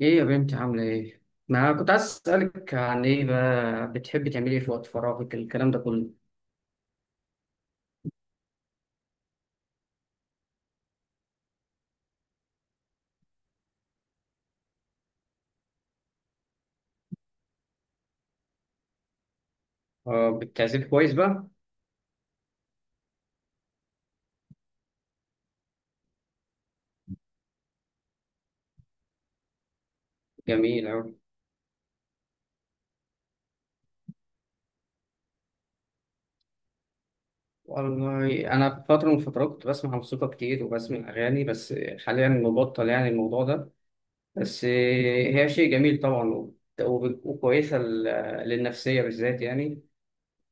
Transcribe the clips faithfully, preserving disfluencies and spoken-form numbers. ايه يا بنتي عاملة ايه؟ ما كنت عايز اسألك عن ايه بقى بتحبي تعملي ايه في وقت فراغك الكلام ده كله؟ اه بتعزفي كويس بقى؟ جميل أوي. والله أنا في فترة من الفترات كنت بسمع موسيقى كتير وبسمع أغاني بس حاليا مبطل يعني الموضوع ده. بس هي شيء جميل طبعا وب- وكويسة لل- للنفسية بالذات يعني.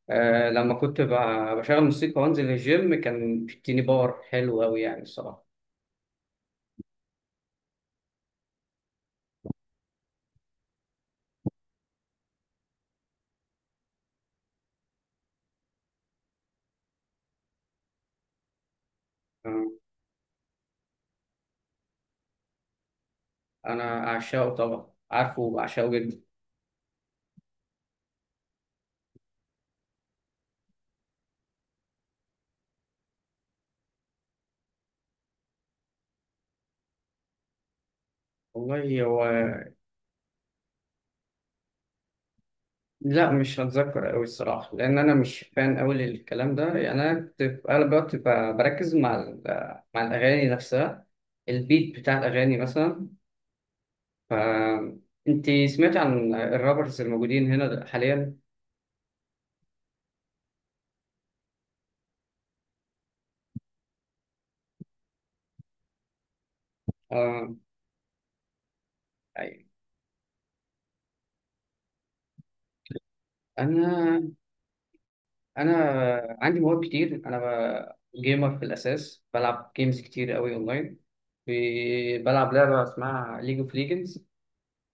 آه، لما كنت ب- بشغل موسيقى وأنزل الجيم كان بيديني باور حلو أوي يعني الصراحة. آه، أنا أعشقه طبعا، عارفه وبعشقه جدا. والله هو لا، مش هتذكر أوي الصراحة لأن أنا مش فان أوي للكلام ده يعني. أنا كنت في أغلب الوقت ب- بركز مع ال... مع الأغاني نفسها، البيت بتاع الأغاني مثلا. ف أنت سمعت عن الرابرز الموجودين هنا حاليا؟ آه... أي- أنا أنا عندي مواهب كتير. أنا ب... جيمر في الأساس، بلعب جيمز كتير أوي أونلاين. ب- بلعب لعبة اسمها ليج اوف ليجندز.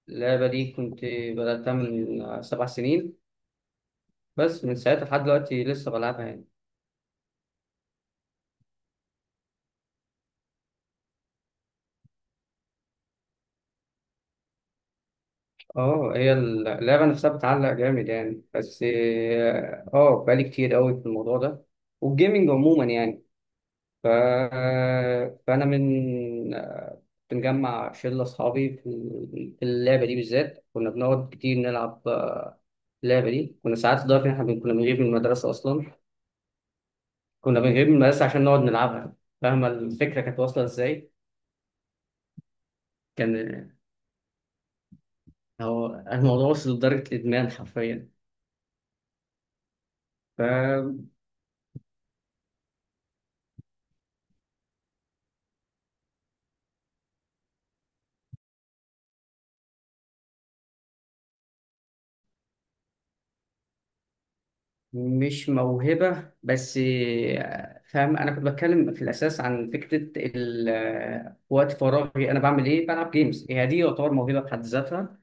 اللعبة دي كنت بدأتها من سبع سنين، بس من ساعتها لحد دلوقتي لسه بلعبها يعني. اه هي اللعبة نفسها بتعلق جامد يعني، بس اه آه، بقالي كتير قوي في الموضوع ده والجيمنج عموما يعني. ف... فأنا من آه، بنجمع شلة أصحابي في في اللعبة دي بالذات، كنا بنقعد كتير نلعب آه، اللعبة دي. كنا ساعات لدرجة إن إحنا بن- كنا بنغيب من المدرسة أصلا. كنا بنغيب من المدرسة عشان نقعد نلعبها. فاهمة الفكرة كانت واصلة إزاي؟ كان هو الموضوع وصل لدرجة الإدمان حرفيا. فمش موهبة بس. آه، فاهم، أنا كنت بتكلم في الأساس عن فكرة ال- آه، وقت فراغي، أنا بعمل إيه، بلعب جيمز، هي دي يعتبر موهبة في حد ذاتها.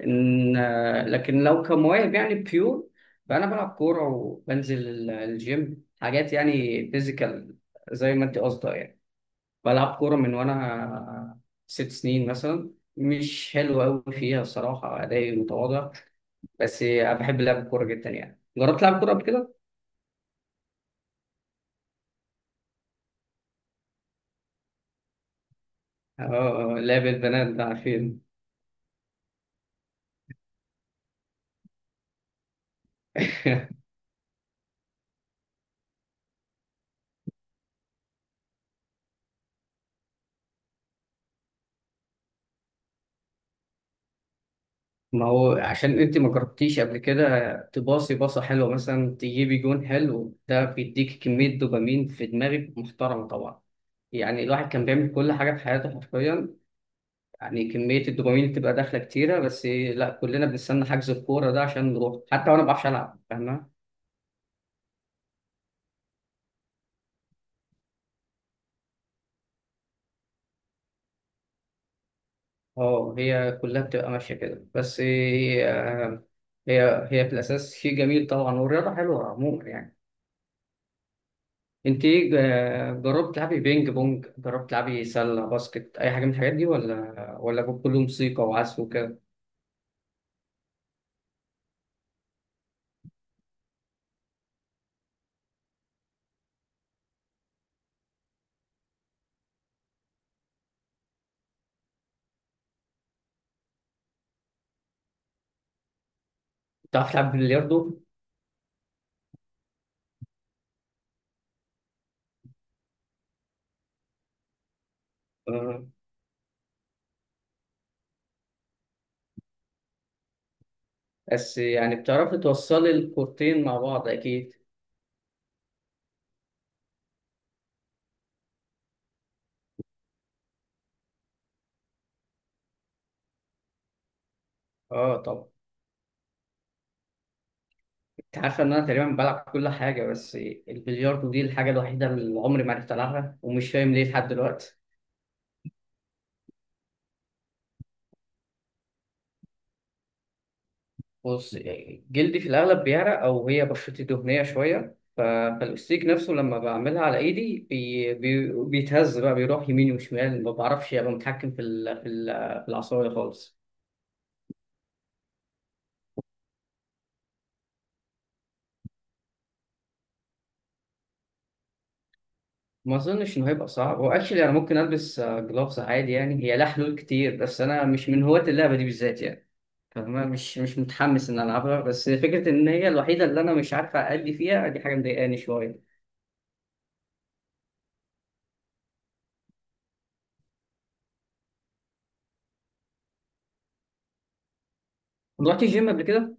إن آه، لكن لو كمواهب يعني بيور، فأنا بلعب كورة وبنزل ال- الجيم حاجات يعني فيزيكال زي ما أنت قصدها يعني. بلعب كورة من وأنا ست سنين مثلا، مش حلو أوي فيها الصراحة، أدائي متواضع بس آه، بحب لعب الكورة جدا يعني. جربت تلعب كورة قبل كده؟ اه آه، لعب البنات ده عارفين. ما هو عشان انت ما جربتيش قبل كده. تباصي باصة حلوة مثلا، تجيبي جون حلو، ده بيديك كمية دوبامين في دماغك محترمة طبعا. يعني الواحد كان بيعمل كل حاجة في حياته حرفيا، يعني كمية الدوبامين اللي بتبقى داخلة كتيرة. بس لا، كلنا بنستنى حجز الكورة ده عشان نروح حتى وانا ما بعرفش العب، فاهمة. اه هي كلها بتبقى ماشية كده. بس هي آه، هي هي في الأساس شيء جميل طبعا، والرياضة حلوة عموما يعني. انت ايه، جا- جربت تلعبي بينج بونج، جربت تلعبي سله باسكت، اي حاجه من الحاجات دي ولا ولا كله موسيقى وعزف وكده؟ بتعرف تلعب بلياردو. آه. بس يعني بتعرفي توصلي الكورتين مع بعض اكيد. اه طبعا. انت عارفه ان انا تقريبا بلعب كل حاجه، بس البلياردو دي الحاجه الوحيده اللي عمري ما عرفت العبها، ومش فاهم ليه لحد دلوقتي. بص، جلدي في الأغلب بيعرق، أو هي بشرتي دهنية شوية، ف- فالأستيك نفسه لما بعملها على إيدي بي بي بيتهز بقى، بيروح يمين وشمال، ما بعرفش أبقى متحكم في ال في ال في العصاية خالص. ما أظنش إنه هيبقى صعب. هو أكشلي أنا ممكن ألبس جلافز عادي يعني، هي لها حلول كتير، بس أنا مش من هواة اللعبة دي بالذات يعني. فاهمة، مش مش متحمس إن ألعبها، بس فكرة إن هي الوحيدة اللي أنا مش عارف أأدي فيها دي حاجة مضايقاني شوية. رحت الجيم قبل كده؟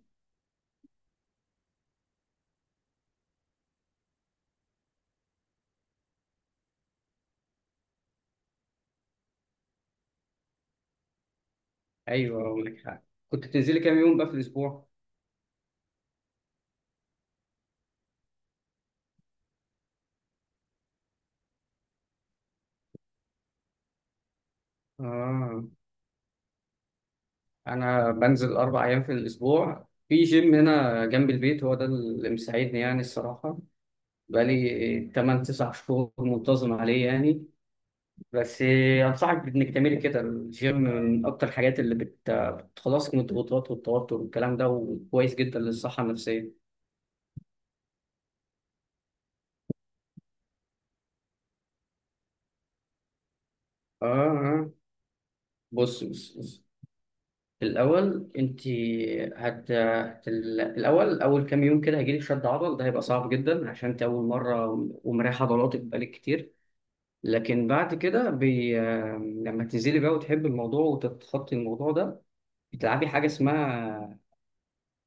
أيوه، أقول لك حاجة، كنت بتنزلي كام يوم بقى في الأسبوع؟ آه. أنا بنزل أربع أيام في الأسبوع في جيم هنا جنب البيت، هو ده اللي مساعدني يعني الصراحة. بقالي تمن تسع شهور منتظم عليه يعني. بس أنصحك بإنك تعملي كده، الجيم من أكتر الحاجات اللي بت... بتخلصك من الضغوطات والتوتر والكلام ده، وكويس جدا للصحة النفسية. آه آه بص بص الأول أنت هت... هت... الأول أول كام يوم كده هيجيلك شد عضل، ده هيبقى صعب جدا عشان أنت أول مرة ومريح عضلاتك بقالك كتير. لكن بعد كده بي... لما تنزلي بقى وتحب الموضوع وتتخطي الموضوع ده، بتلعبي حاجة اسمها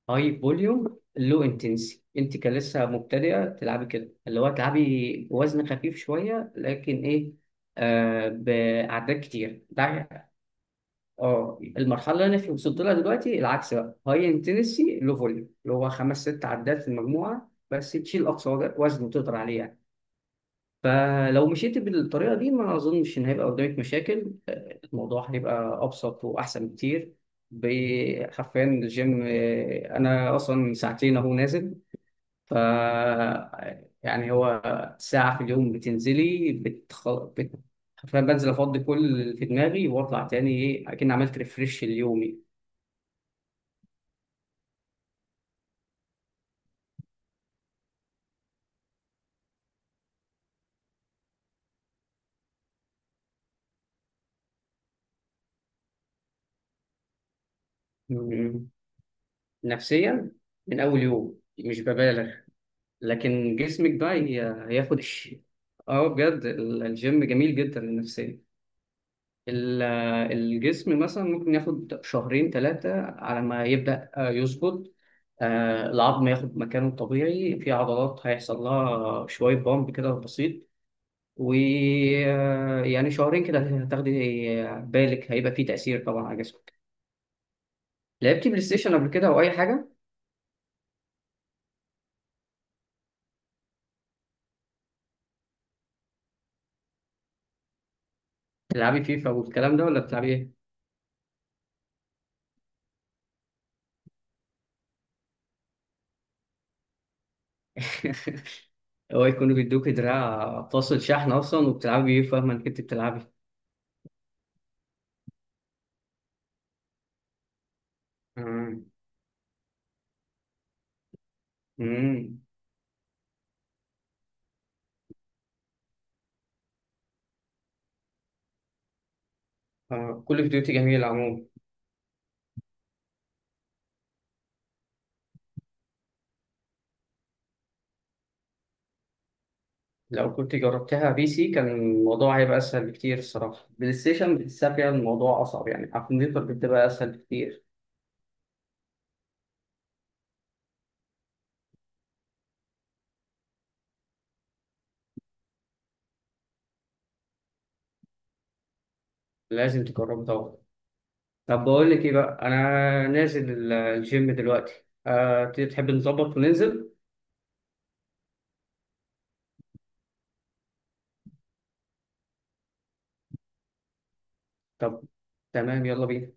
هاي فوليوم. لو انتنسي، أنت كلسه مبتدئة، تلعبي كده اللي هو تلعبي وزن خفيف شوية لكن إيه، آه بأعداد كتير ده. اه، المرحله اللي انا وصلت لها دلوقتي العكس بقى، هاي انتنسي لو فوليوم اللي هو خمس ست عدات في المجموعه، بس تشيل اقصى وج- وزن تقدر عليه يعني. فلو مشيت بالطريقه دي ما اظنش ان هيبقى قدامك مشاكل، آه، الموضوع هيبقى ابسط واحسن بكتير. ب- حرفيا الجيم آه، انا اصلا ساعتين اهو نازل. ف يعني هو ساعه في اليوم بتنزلي بتخ... بت... حرفيا بنزل افضي كل اللي في دماغي واطلع تاني، ايه اكن عملت ريفريش ليومي. مم. نفسيا من اول يوم، مش ببالغ، لكن جسمك بقى هي- هياخد الشيء. اه بجد ال- الجيم جميل جدا للنفسية. ال- الجسم مثلا ممكن ياخد شهرين ثلاثة على ما يبدأ آه، يظبط. آه، العظم ياخد مكانه الطبيعي، في عضلات هيحصل لها شوية بامب كده بسيط. ويعني شهرين كده هتاخدي، آه، بالك هيبقى فيه تأثير طبعا على جسمك. لعبتي بلاي ستيشن قبل كده أو أي حاجة؟ تلعبي فيفا والكلام ده ولا بتلعبي إيه؟ هو يكونوا بيدوك دراع فاصل شحن اصلا وبتلعبي بيه، فاهمه انك انت بتلعبي. مم. امم آه، كل فيديوهاتي جميل عموما. لو كنت جربتها بي سي كان الموضوع هيبقى اسهل بكتير الصراحه، بلاي ستيشن بتحسها فيها الموضوع اصعب يعني، على الكمبيوتر بتبقى اسهل بكتير. لازم تجربه طبعا. طب بقول لك ايه بقى، انا نازل ال- الجيم دلوقتي، أه تحب نظبط وننزل؟ طب تمام، يلا بينا.